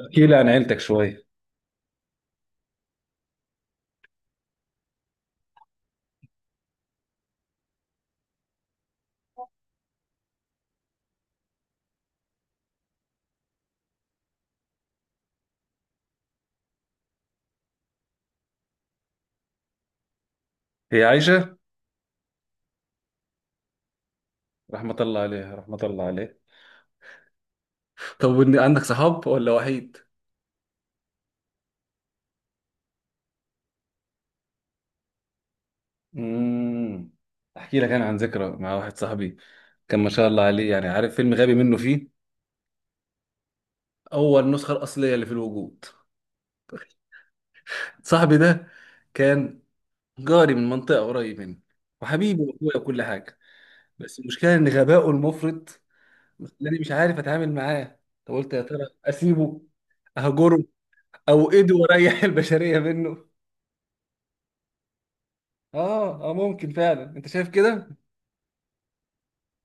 احكي لي عن عيلتك شوي. هي عايشة؟ رحمة الله عليها، رحمة الله عليها. طب، عندك صحاب ولا وحيد؟ امم احكي لك انا عن ذكرى مع واحد صاحبي. كان ما شاء الله عليه، يعني عارف فيلم غبي منه فيه. أول نسخة الأصلية اللي في الوجود. صاحبي ده كان جاري من منطقة قريب مني، وحبيبي وأخويا وكل حاجة. بس المشكلة إن غبائه المفرط مخلاني مش عارف أتعامل معاه. طب قلت يا ترى أسيبه، أهجره، أو إيده وأريح البشرية منه. اه اه، ممكن فعلا، انت شايف كده؟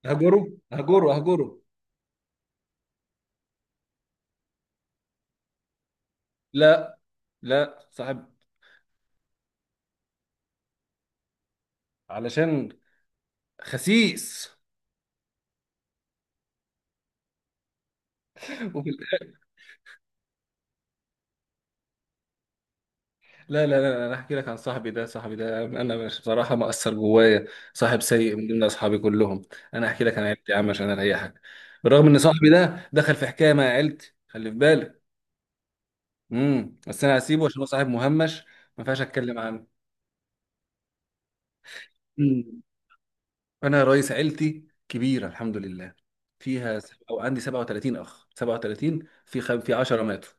هجره، هجره، هجره. لا، لا صاحب، علشان خسيس. وفي الآخر- لا لا لا، انا احكي لك عن صاحبي ده. صاحبي ده انا مش بصراحه مأثر جوايا. صاحب سيء من ضمن اصحابي كلهم. انا احكي لك عن عيلتي يا عم عشان اريحك. بالرغم ان صاحبي ده دخل في حكايه مع عيلتي، خلي في بالك. بس انا هسيبه عشان هو صاحب مهمش، ما ينفعش اتكلم عنه. انا رئيس عيلتي كبيره الحمد لله، فيها او عندي 37 اخ، 37 في 10 ماتوا.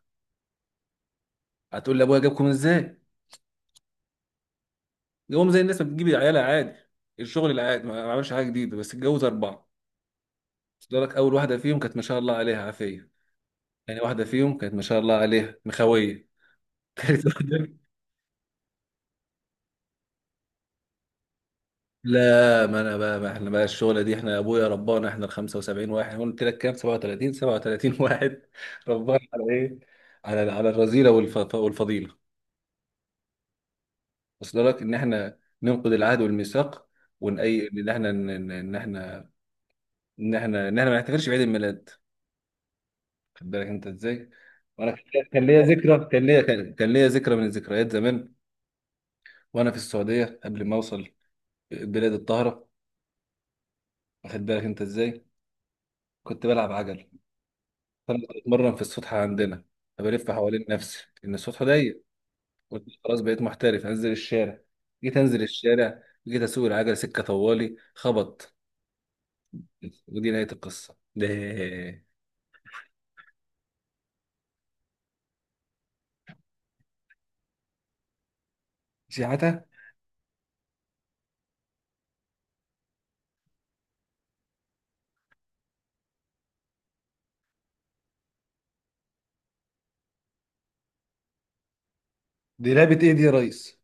هتقول لي ابويا جابكم ازاي؟ جابهم زي الناس ما بتجيب عيالها عادي. الشغل العادي، ما عملش حاجه جديده، بس اتجوز اربعه. بس لك اول واحده فيهم كانت ما شاء الله عليها عافيه. يعني واحده فيهم كانت ما شاء الله عليها مخويه. تالت واحده. لا، ما انا بقى، ما احنا بقى الشغله دي، احنا ابويا ربانا احنا ال 75 واحد. قلت لك كام؟ 37، 37 واحد. ربانا على ايه؟ على على الرذيله والفضيله. وصل لك ان احنا ننقض العهد والميثاق، وان اي ان احنا، ان إن إن احنا، ان احنا ما نحتفلش بعيد الميلاد. خد بالك انت ازاي. وانا كان ليا ذكرى من الذكريات زمان. وانا في السعوديه قبل ما اوصل بلاد الطاهره، واخد بالك انت ازاي. كنت بلعب عجل، فانا كنت بتمرن في السطح عندنا. فبلف حوالين نفسي ان السطح ضيق. قلت خلاص بقيت محترف، انزل الشارع. جيت انزل الشارع، جيت اسوق العجل سكه طوالي خبط. ودي نهايه القصه ده سياحتها. دي لعبة ايه دي يا ريس؟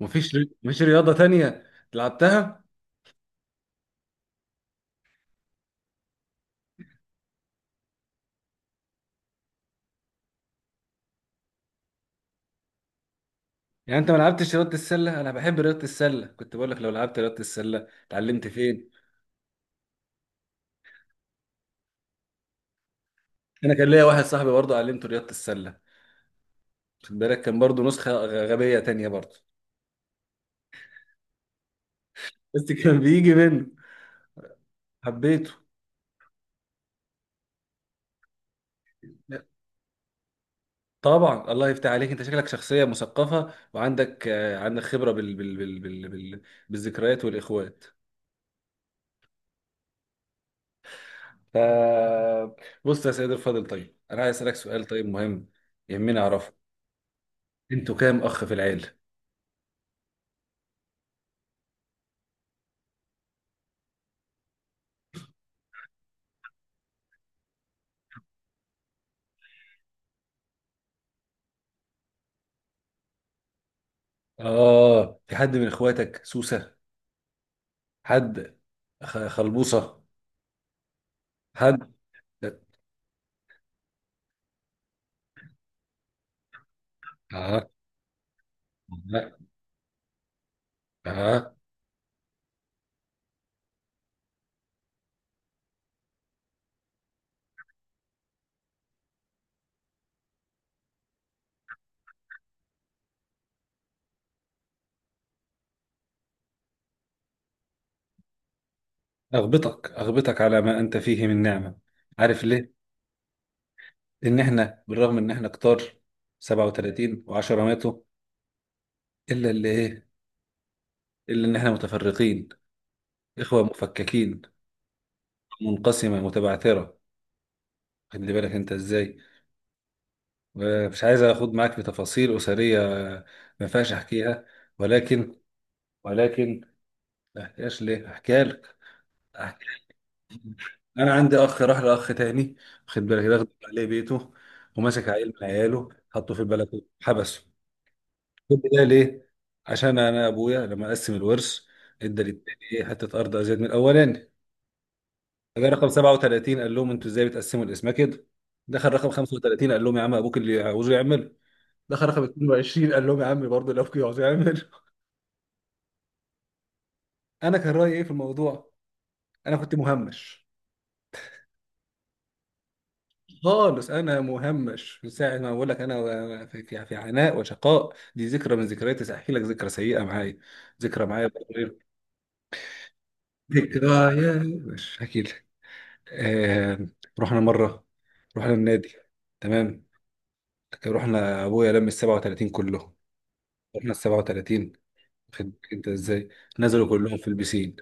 مفيش رياضة تانية لعبتها؟ يعني انت ما لعبتش رياضة السلة؟ انا بحب رياضة السلة، كنت بقول لك لو لعبت رياضة السلة اتعلمت فين. انا كان ليا واحد صاحبي برضه علمته رياضة السلة. خد بالك، كان برضه نسخة غبية تانية برضه. بس كان بيجي منه، حبيته. طبعا الله يفتح عليك، انت شكلك شخصية مثقفة وعندك عندك خبرة بالذكريات والاخوات. آه. بص يا سيد الفاضل، طيب انا عايز اسالك سؤال، طيب مهم، يهمني اعرفه. انتوا كام اخ في العيله؟ اه، في حد من اخواتك سوسه؟ حد خلبوصه؟ حد؟ اه، لا. اه. اغبطك، اغبطك على ما انت فيه من نعمه. عارف ليه؟ ان احنا بالرغم ان احنا كتار 37 و10 ماتوا، الا اللي ايه، الا ان احنا متفرقين، اخوه مفككين، منقسمه متبعثره. خلي بالك انت ازاي. مش عايز اخد معاك في تفاصيل اسريه، ما ينفعش احكيها. ولكن، ولكن ما احكيهاش ليه احكيها لك. أحكيها. انا عندي اخ راح لاخ تاني، واخد بالك، ده غدر عليه بيته، ومسك عيل من عياله حطه في البلكونه حبسه. كل ده ليه؟ عشان انا ابويا لما قسم الورث ادى للتاني ايه حته ارض ازيد من الاولاني. جه رقم 37 قال لهم انتوا ازاي بتقسموا الاسماء كده. دخل رقم 35 قال لهم يا عم ابوك اللي عاوزه يعمله. دخل رقم 22 قال لهم يا عم برضه اللي ابوك عاوزه يعمله. انا كان رايي ايه في الموضوع؟ انا كنت مهمش خالص، انا مهمش من ساعه ما بقول لك، انا في عناء وشقاء. دي ذكرى من ذكرياتي، احكي لك ذكرى سيئه معايا، ذكرى معايا بتغير. ذكريات مش هحكي لك. آه. رحنا مره، رحنا النادي، تمام. رحنا ابويا لم ال 37 كلهم، رحنا ال 37، واخد بالك انت ازاي. نزلوا كلهم في البسين،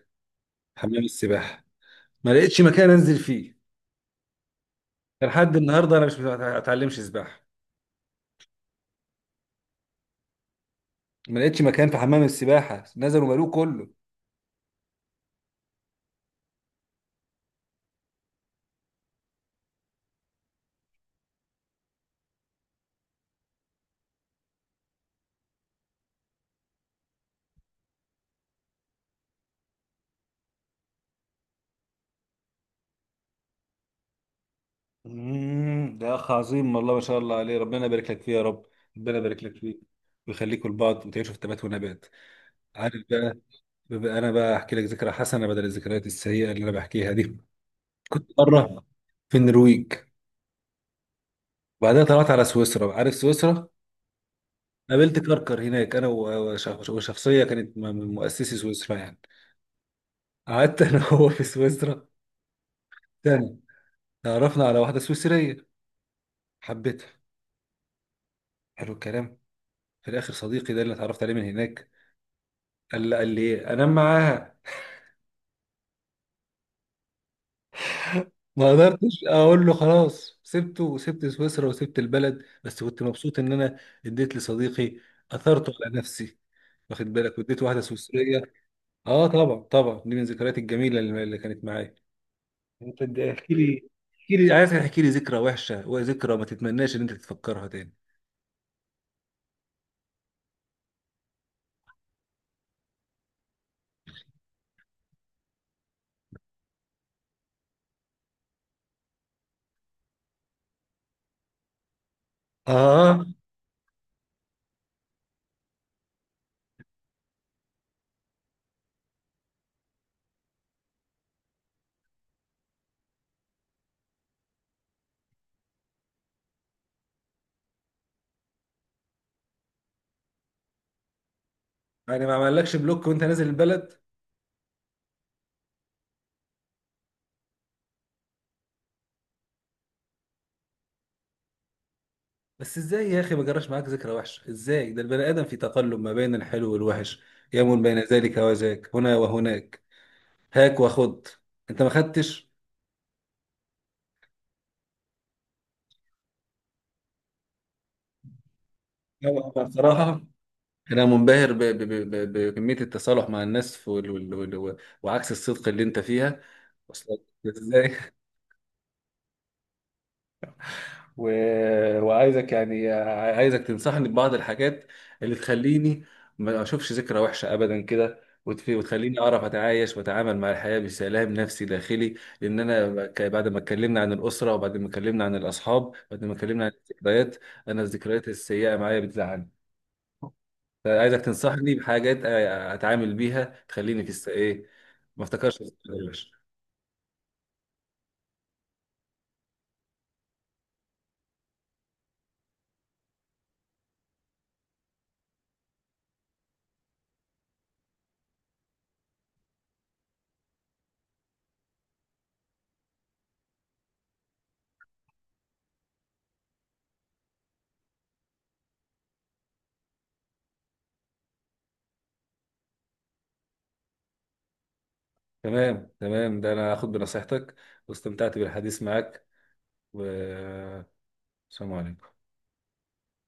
حمام السباحه. ما لقيتش مكان انزل فيه، لحد النهارده انا مش ما اتعلمش سباحه. ما لقيتش مكان في حمام السباحه، نزلوا ملوه كله. ده اخ عظيم، والله ما شاء الله عليه، ربنا يبارك لك فيه يا رب، ربنا يبارك لك فيه، ويخليكوا لبعض وتعيشوا في تبات ونبات. عارف بقى، بقى انا بقى احكي لك ذكرى حسنه بدل الذكريات السيئه اللي انا بحكيها دي. كنت مره في النرويج، وبعدها طلعت على سويسرا، عارف سويسرا. قابلت كركر هناك انا وشخصيه كانت من مؤسسي سويسرا يعني. قعدت انا وهو في سويسرا سنه. تعرفنا على واحده سويسريه، حبيتها، حلو الكلام. في الاخر صديقي ده اللي اتعرفت عليه من هناك قال لي ايه انام معاها. ما قدرتش اقول له خلاص، سبته وسبت سويسرا وسبت البلد، بس كنت مبسوط ان انا اديت لصديقي، اثرته على نفسي، واخد بالك، واديت واحده سويسريه. اه طبعا طبعا، دي من الذكريات الجميله اللي كانت معايا. انت احكي لي، احكي لي، عايز احكي لي ذكرى وحشه وذكرى ما تتمناش ان انت تفكرها تاني. اه. يعني ما عملكش بلوك وانت نازل البلد؟ بس ازاي يا اخي ما جراش معاك ذكرى وحشه ازاي؟ ده البني ادم في تقلب ما بين الحلو والوحش، يمون بين ذلك وذاك، هنا وهناك، هاك وخد. انت ما خدتش؟ لا، أنا بصراحه انا منبهر بكميه التصالح مع الناس وعكس الصدق اللي انت فيها اصلا. ازاي؟ و... وعايزك يعني، عايزك تنصحني ببعض الحاجات اللي تخليني ما اشوفش ذكرى وحشه ابدا كده، وتخليني اعرف اتعايش واتعامل مع الحياه بسلام نفسي داخلي. لان انا بعد ما اتكلمنا عن الاسره، وبعد ما اتكلمنا عن الاصحاب، بعد ما اتكلمنا عن الذكريات، انا الذكريات السيئه معايا بتزعلني. فعايزك تنصحني بحاجات اتعامل بيها تخليني في ايه ما افتكرش الذكرى الوحشه. تمام، تمام، ده انا هاخد بنصيحتك، واستمتعت بالحديث معك، و السلام عليكم.